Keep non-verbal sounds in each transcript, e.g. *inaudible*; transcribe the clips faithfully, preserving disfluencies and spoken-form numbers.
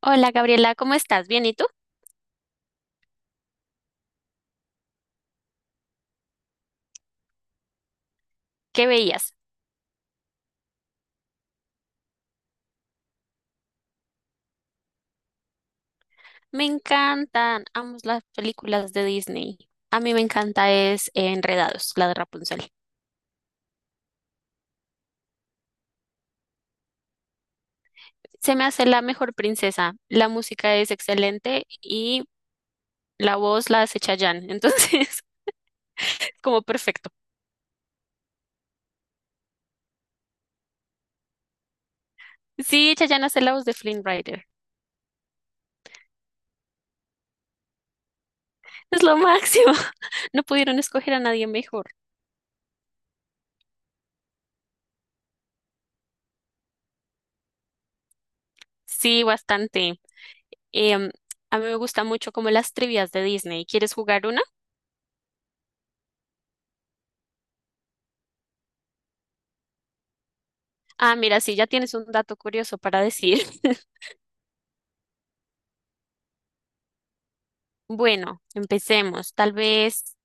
Hola Gabriela, ¿cómo estás? ¿Bien y tú? ¿Qué veías? Me encantan, amo las películas de Disney. A mí me encanta es eh, Enredados, la de Rapunzel. Se me hace la mejor princesa, la música es excelente y la voz la hace Chayanne, entonces *laughs* como perfecto. Sí, Chayanne hace la voz de Flynn Rider, es lo máximo. *laughs* No pudieron escoger a nadie mejor. Sí, bastante. Em, a mí me gusta mucho como las trivias de Disney. ¿Quieres jugar una? Ah, mira, sí, ya tienes un dato curioso para decir. *laughs* Bueno, empecemos. Tal vez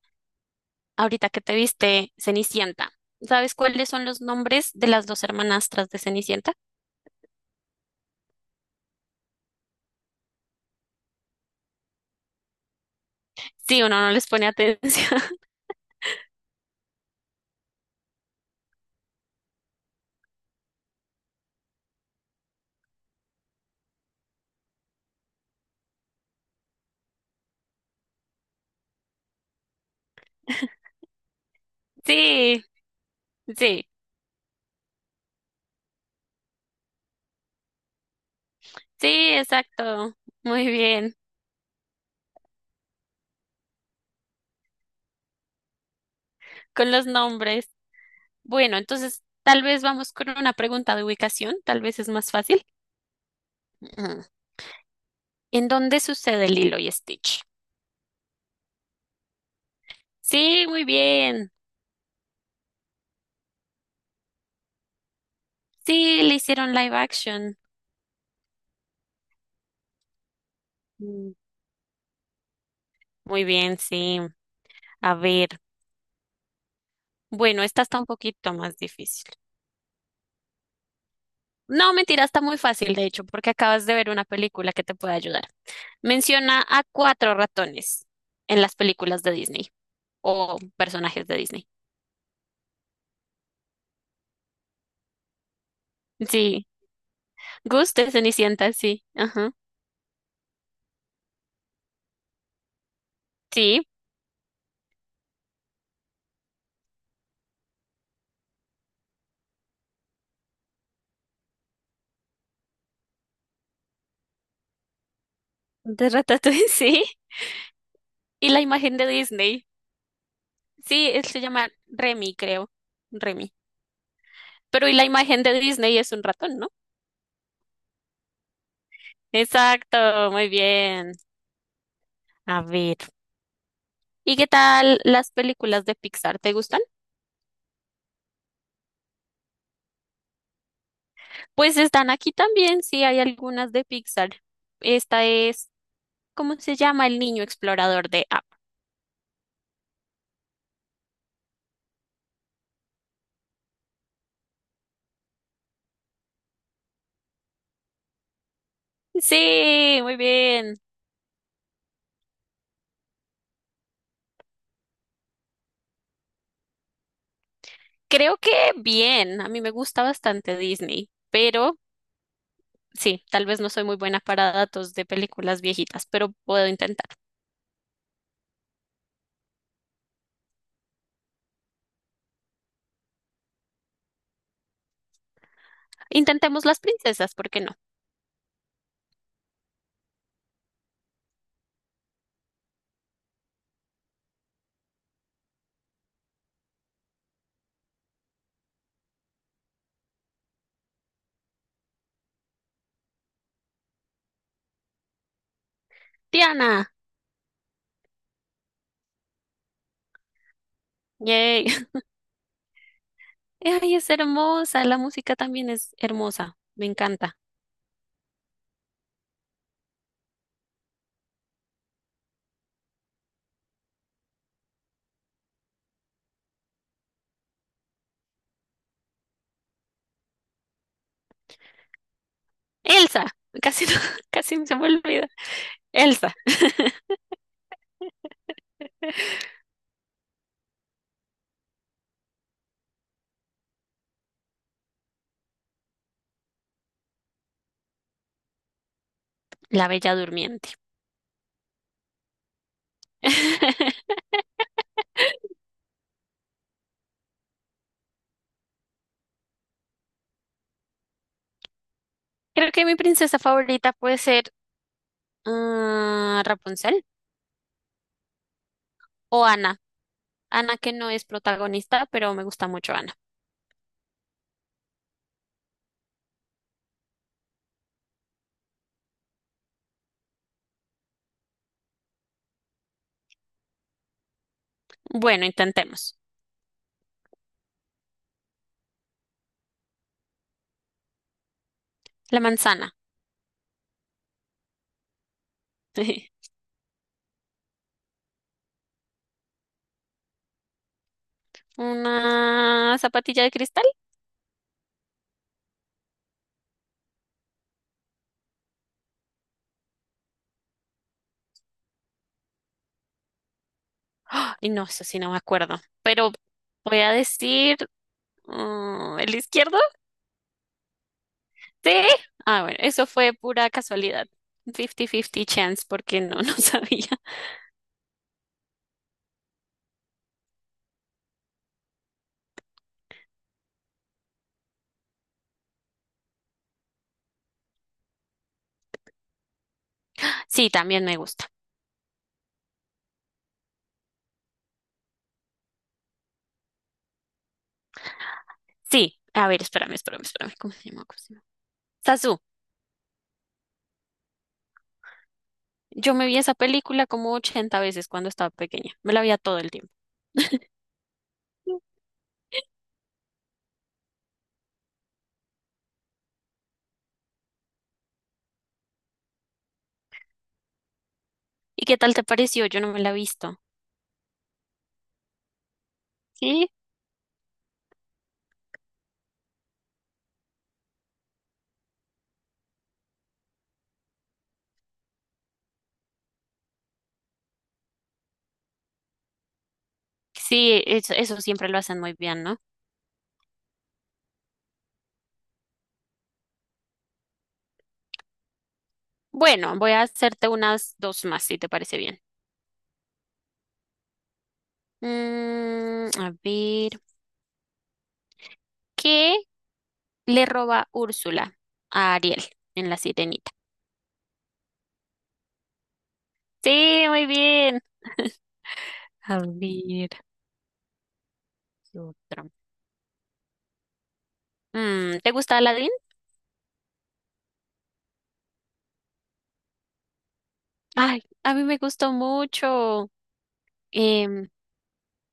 ahorita que te viste Cenicienta. ¿Sabes cuáles son los nombres de las dos hermanastras de Cenicienta? Sí, uno no les pone atención. *laughs* Sí, sí, sí, exacto. Muy bien, con los nombres. Bueno, entonces tal vez vamos con una pregunta de ubicación, tal vez es más fácil. Mm. ¿En dónde sucede Lilo y Stitch? Sí, muy bien. Sí, le hicieron live action. Muy bien, sí. A ver. Bueno, esta está un poquito más difícil. No, mentira, está muy fácil, de hecho, porque acabas de ver una película que te puede ayudar. Menciona a cuatro ratones en las películas de Disney o personajes de Disney. Sí, Gus de Cenicienta, sí. Ajá. Sí, de Ratatouille, *laughs* sí. Y la imagen de Disney. Sí, él se llama Remy, creo. Remy. Pero y la imagen de Disney es un ratón, ¿no? Exacto, muy bien. A ver. ¿Y qué tal las películas de Pixar? ¿Te gustan? Pues están aquí también, sí, hay algunas de Pixar. Esta es, ¿cómo se llama? El niño explorador de App. Sí, muy bien. Creo que bien. A mí me gusta bastante Disney, pero sí, tal vez no soy muy buena para datos de películas viejitas, pero puedo intentar. Intentemos las princesas, ¿por qué no? Tiana, yay. *laughs* Ay, es hermosa. La música también es hermosa. Me encanta. Elsa, casi, no- *laughs* casi se me olvida. Elsa, *laughs* la Bella Durmiente. *laughs* Creo que mi princesa favorita puede ser ah, Rapunzel o Ana. Ana que no es protagonista, pero me gusta mucho Ana. Bueno, intentemos. La manzana. *laughs* Una zapatilla de cristal. *gasps* ¡Ah! Y no, eso sí no me acuerdo. Pero voy a decir mm, el izquierdo. Sí. Ah, bueno, eso fue pura casualidad. cincuenta cincuenta chance porque no, *laughs* no sabía. Sí, también me gusta. Sí, a ver, espérame, espérame, espérame. ¿Cómo se llama? ¿Cómo se llama? Zazú. Yo me vi esa película como ochenta veces cuando estaba pequeña. Me la veía todo el tiempo. *laughs* ¿Y qué tal te pareció? Yo no me la he visto. Sí, sí, eso, eso siempre lo hacen muy bien, ¿no? Bueno, voy a hacerte unas dos más, si te parece bien. Mm, a ver, ¿qué le roba Úrsula a Ariel en La Sirenita? Sí, muy bien. A ver, ¿qué otra? Mm, ¿te gusta la Ay, a mí me gustó mucho. em,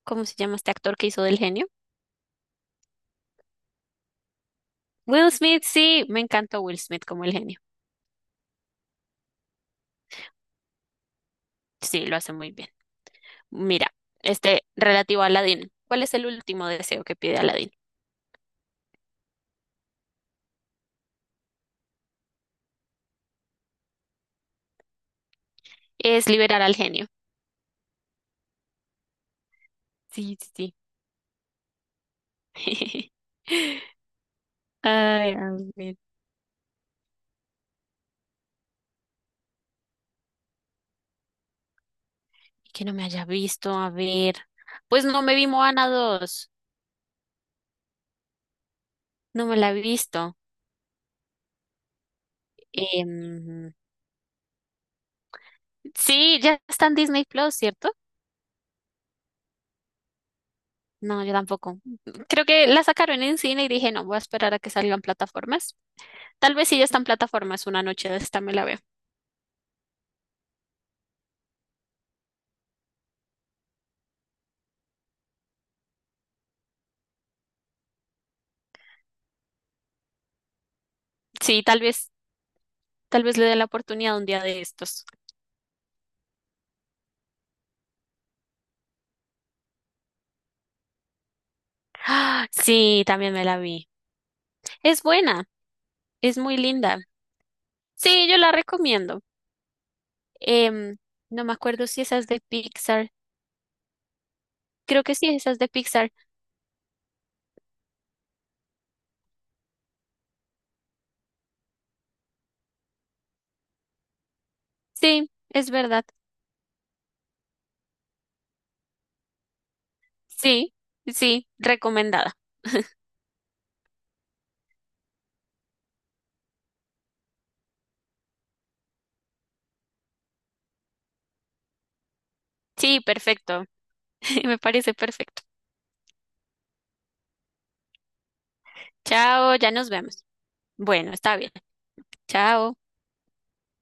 ¿cómo se llama este actor que hizo del genio? Will Smith, sí, me encantó Will Smith como el genio. Sí, lo hace muy bien. Mira, este relativo a Aladdin. ¿Cuál es el último deseo que pide Aladdin? Es liberar al genio. Sí, sí, sí. *laughs* Ay, a ver. Que no me haya visto, a ver. Pues no me vi Moana dos. No me la he visto. Em, sí, ya está en Disney Plus, ¿cierto? No, yo tampoco. Creo que la sacaron en cine y dije, no, voy a esperar a que salgan plataformas. Tal vez si ya están plataformas, una noche de esta me la veo. Sí, tal vez, tal vez le dé la oportunidad un día de estos. ¡Ah! Sí, también me la vi. Es buena, es muy linda. Sí, yo la recomiendo. Em, no me acuerdo si esa es de Pixar. Creo que sí, esa es de Pixar. Sí, es verdad. Sí, sí, recomendada. Sí, perfecto. *laughs* Me parece perfecto. Chao, ya nos vemos. Bueno, está bien. Chao.